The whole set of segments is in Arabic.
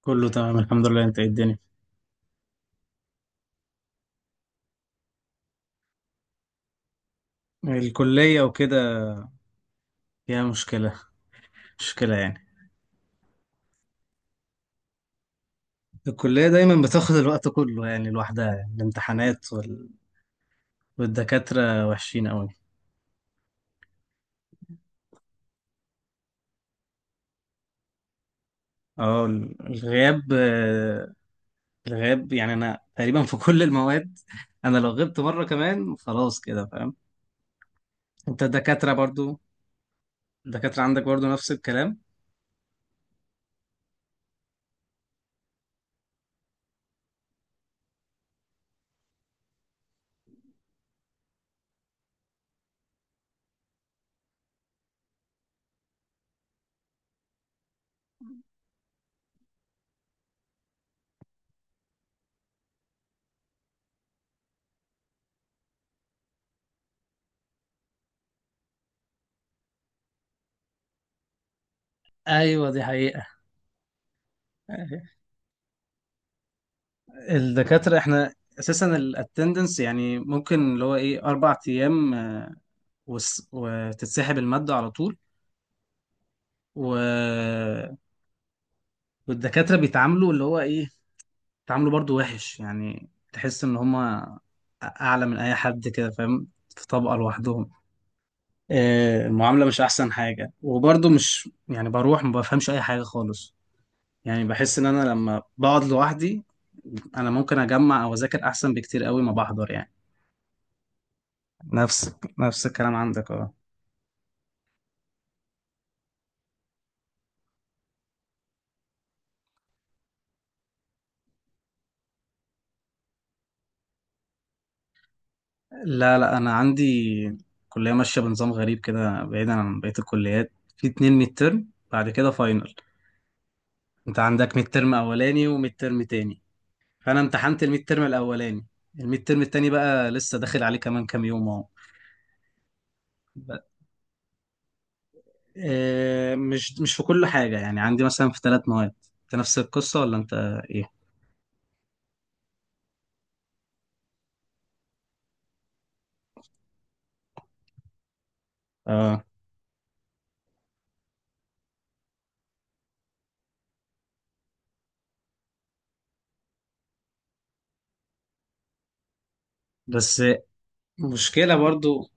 كله تمام، الحمد لله. انت ايه الدنيا؟ الكلية وكده فيها مشكلة، مشكلة يعني. الكلية دايما بتاخد الوقت كله يعني لوحدها، يعني الامتحانات والدكاترة وحشين قوي. اه، الغياب، يعني انا تقريبا في كل المواد انا لو غبت مرة كمان خلاص، كده فاهم. انت الدكاترة برضو الدكاترة عندك برضو نفس الكلام؟ ايوه، دي حقيقة. الدكاترة احنا اساسا الاتندنس يعني ممكن اللي هو ايه 4 ايام، وتتسحب المادة على طول. و... والدكاترة بيتعاملوا اللي هو ايه، بيتعاملوا برضو وحش. يعني تحس ان هما اعلى من اي حد، كده فاهم. في طبقة لوحدهم. المعاملة مش احسن حاجة، وبرضو مش يعني بروح ما بفهمش اي حاجة خالص. يعني بحس ان انا لما بقعد لوحدي، انا ممكن اجمع او اذاكر احسن بكتير قوي ما بحضر يعني. نفس الكلام عندك، اه. لا لا، انا عندي كليه ماشيه بنظام غريب كده بعيدا عن بقيه الكليات. في 2 ميد ترم بعد كده فاينل. انت عندك ميد ترم اولاني وميد ترم تاني. فانا امتحنت الميد ترم الاولاني. الميد ترم التاني بقى لسه داخل عليه كمان كام يوم اهو. ب- مش في كل حاجه، يعني عندي مثلا في 3 مواد. انت نفس القصه، ولا انت ايه؟ اه بس. مشكله برضو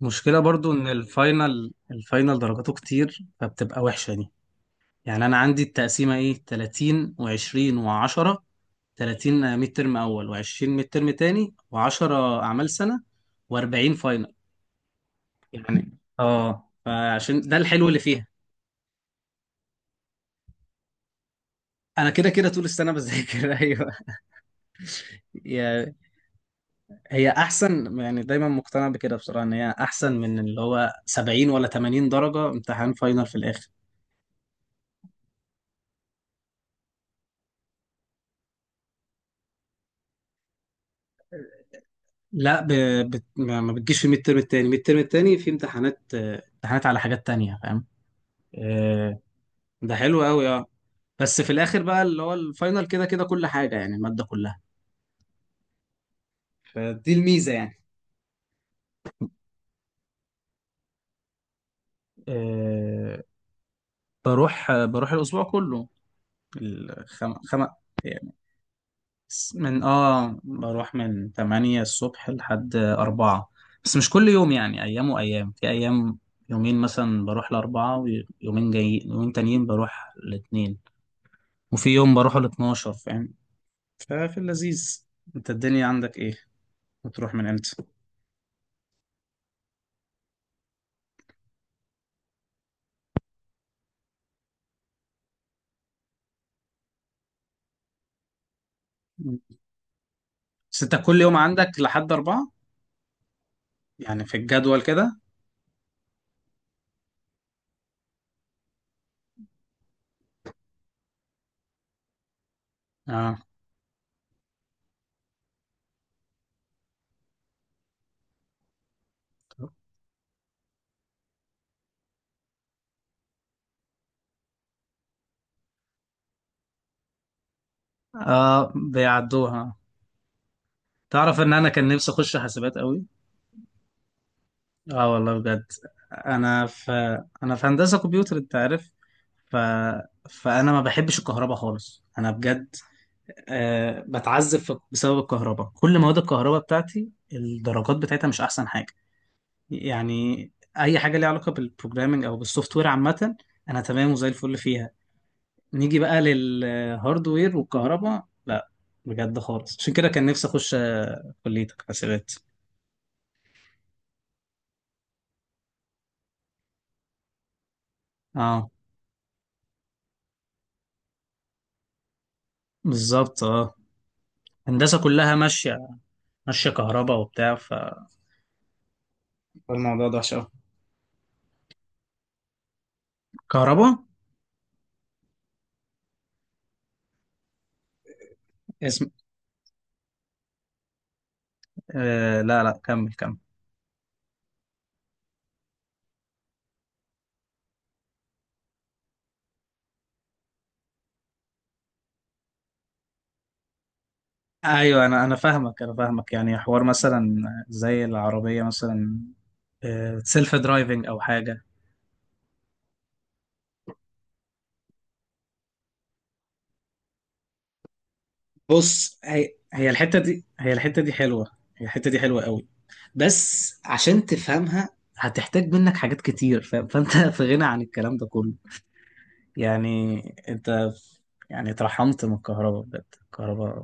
مشكله برضو ان الفاينل درجاته كتير، فبتبقى وحشه دي. يعني انا عندي التقسيمه ايه، 30 و20 و10. 30 ميد ترم اول و20 ميد ترم تاني و10 اعمال سنه و40 فاينل. يعني اه، فعشان ده الحلو اللي فيها. انا كده كده طول السنه بذاكر ايوه. هي هي احسن، يعني دايما مقتنع بكده بصراحه ان هي احسن من اللي هو 70 ولا 80 درجه امتحان فاينل في الاخر. لا، ما بتجيش في الميد ترم التاني. الميد ترم التاني في امتحانات، على حاجات تانية، فاهم. آه، ده حلو قوي، اه. بس في الاخر بقى اللي هو الفاينل كده كده كل حاجه يعني الماده كلها. فدي الميزه يعني. أه بروح الاسبوع كله. الخم... خم... يعني س- من اه بروح من 8 الصبح لحد 4. بس مش كل يوم يعني، ايام وايام في ايام. يومين مثلا بروح لأربعة، ويومين جاي يومين تانيين بروح الاثنين. وفي يوم بروح ال 12، فاهم. ففي اللذيذ. انت الدنيا عندك ايه؟ بتروح من امتى؟ بس انت كل يوم عندك لحد أربعة؟ يعني في الجدول كده. اه اه، بيعدوها. تعرف ان انا كان نفسي اخش حاسبات قوي. اه والله بجد. انا في انا في هندسة كمبيوتر، انت عارف. ف... فانا ما بحبش الكهرباء خالص، انا بجد. بتعذب بسبب الكهرباء. كل مواد الكهرباء بتاعتي الدرجات بتاعتها مش احسن حاجه يعني. اي حاجه ليها علاقه بالبروجرامنج او بالسوفت وير عامه انا تمام وزي الفل فيها. نيجي بقى للهاردوير والكهرباء لا. بجد خالص، عشان كده كان نفسي اخش كليتك حاسبات. اه بالظبط، اه. هندسه كلها ماشيه كهرباء وبتاع. فالموضوع ده وحش قوي. كهرباء. اسم آه لا لا، كمل كمل. ايوه، انا فاهمك يعني، حوار مثلا زي العربيه مثلا سيلف درايفنج او حاجه. بص، هي هي الحته دي، هي الحته دي حلوه، هي الحته دي حلوه قوي. بس عشان تفهمها هتحتاج منك حاجات كتير، فانت في غنى عن الكلام ده كله. يعني انت، يعني اترحمت من الكهرباء بجد. الكهرباء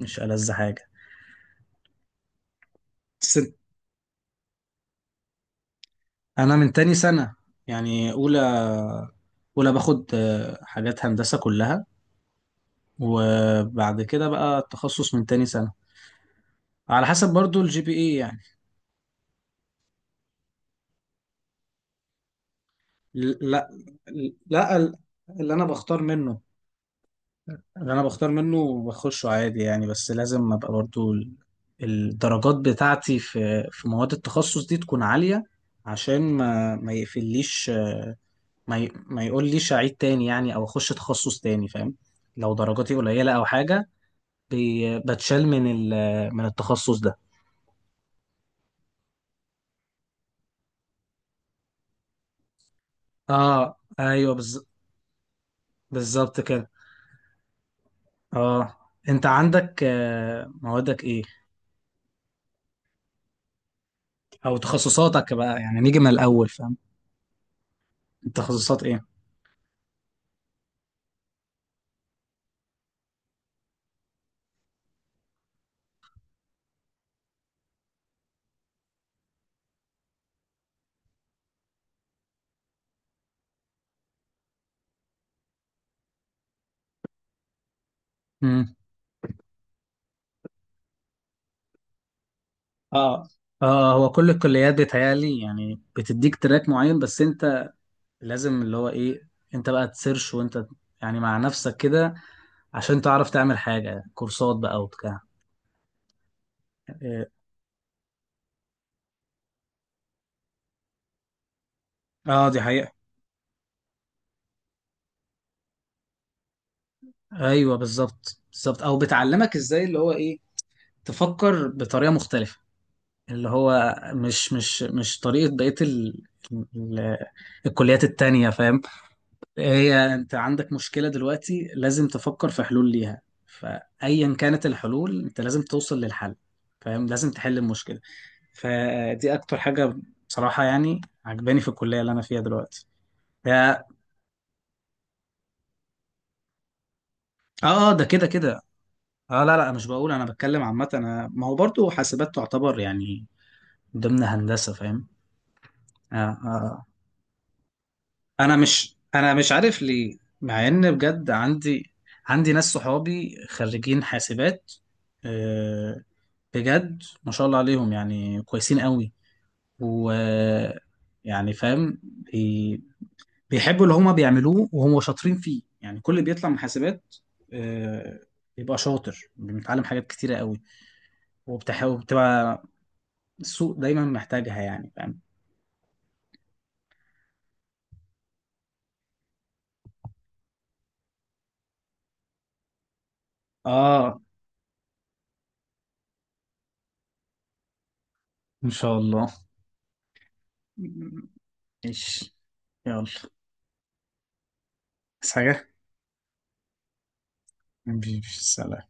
مش ألذ حاجه. بس انا من تاني سنه، يعني اولى باخد حاجات هندسه كلها. وبعد كده بقى التخصص من تاني سنه. على حسب برضو الجي بي اي يعني. لا لا، اللي انا بختار منه اللي انا بختار منه وبخشه عادي، يعني بس لازم ابقى برضو الدرجات بتاعتي في مواد التخصص دي تكون عالية. عشان ما يقفليش، ما يقوليش اعيد تاني، يعني او اخش تخصص تاني، فاهم. لو درجاتي قليلة او حاجة بتشال من التخصص ده. اه ايوه، بالظبط كده. اه انت عندك، موادك ايه او تخصصاتك بقى يعني، نيجي من الاول، فاهم. تخصصات ايه؟ اه اه، هو كل الكليات بيتهيألي يعني بتديك تراك معين. بس انت لازم اللي هو ايه، انت بقى تسيرش وانت يعني مع نفسك كده عشان تعرف تعمل حاجة كورسات بقى وبتاع. إيه، اه، دي حقيقة. ايوه بالظبط بالظبط، او بتعلمك ازاي اللي هو ايه، تفكر بطريقة مختلفة، اللي هو مش طريقة بقية ال... الكليات التانية، فاهم. هي انت عندك مشكلة دلوقتي لازم تفكر في حلول ليها، فأيا كانت الحلول انت لازم توصل للحل، فاهم. لازم تحل المشكلة. فدي اكتر حاجة بصراحة، يعني عجباني في الكلية اللي انا فيها دلوقتي. يا- اه اه، ده كده كده. اه لا لا، مش بقول، انا بتكلم عامة. انا ما هو برضو حاسبات تعتبر يعني ضمن هندسة، فاهم. آه آه. آه. انا مش عارف ليه، مع ان بجد عندي، عندي ناس صحابي خريجين حاسبات، آه، بجد ما شاء الله عليهم، يعني كويسين قوي. و يعني فاهم، بيحبوا اللي هما بيعملوه وهم شاطرين فيه، يعني كل اللي بيطلع من حاسبات آه، بيبقى شاطر، بيتعلم حاجات كتيرة قوي. وبتبقى السوق دايما محتاجها، يعني فاهم. اه ان شاء الله، ماشي، يلا، بس حاجة، مفيش سلام.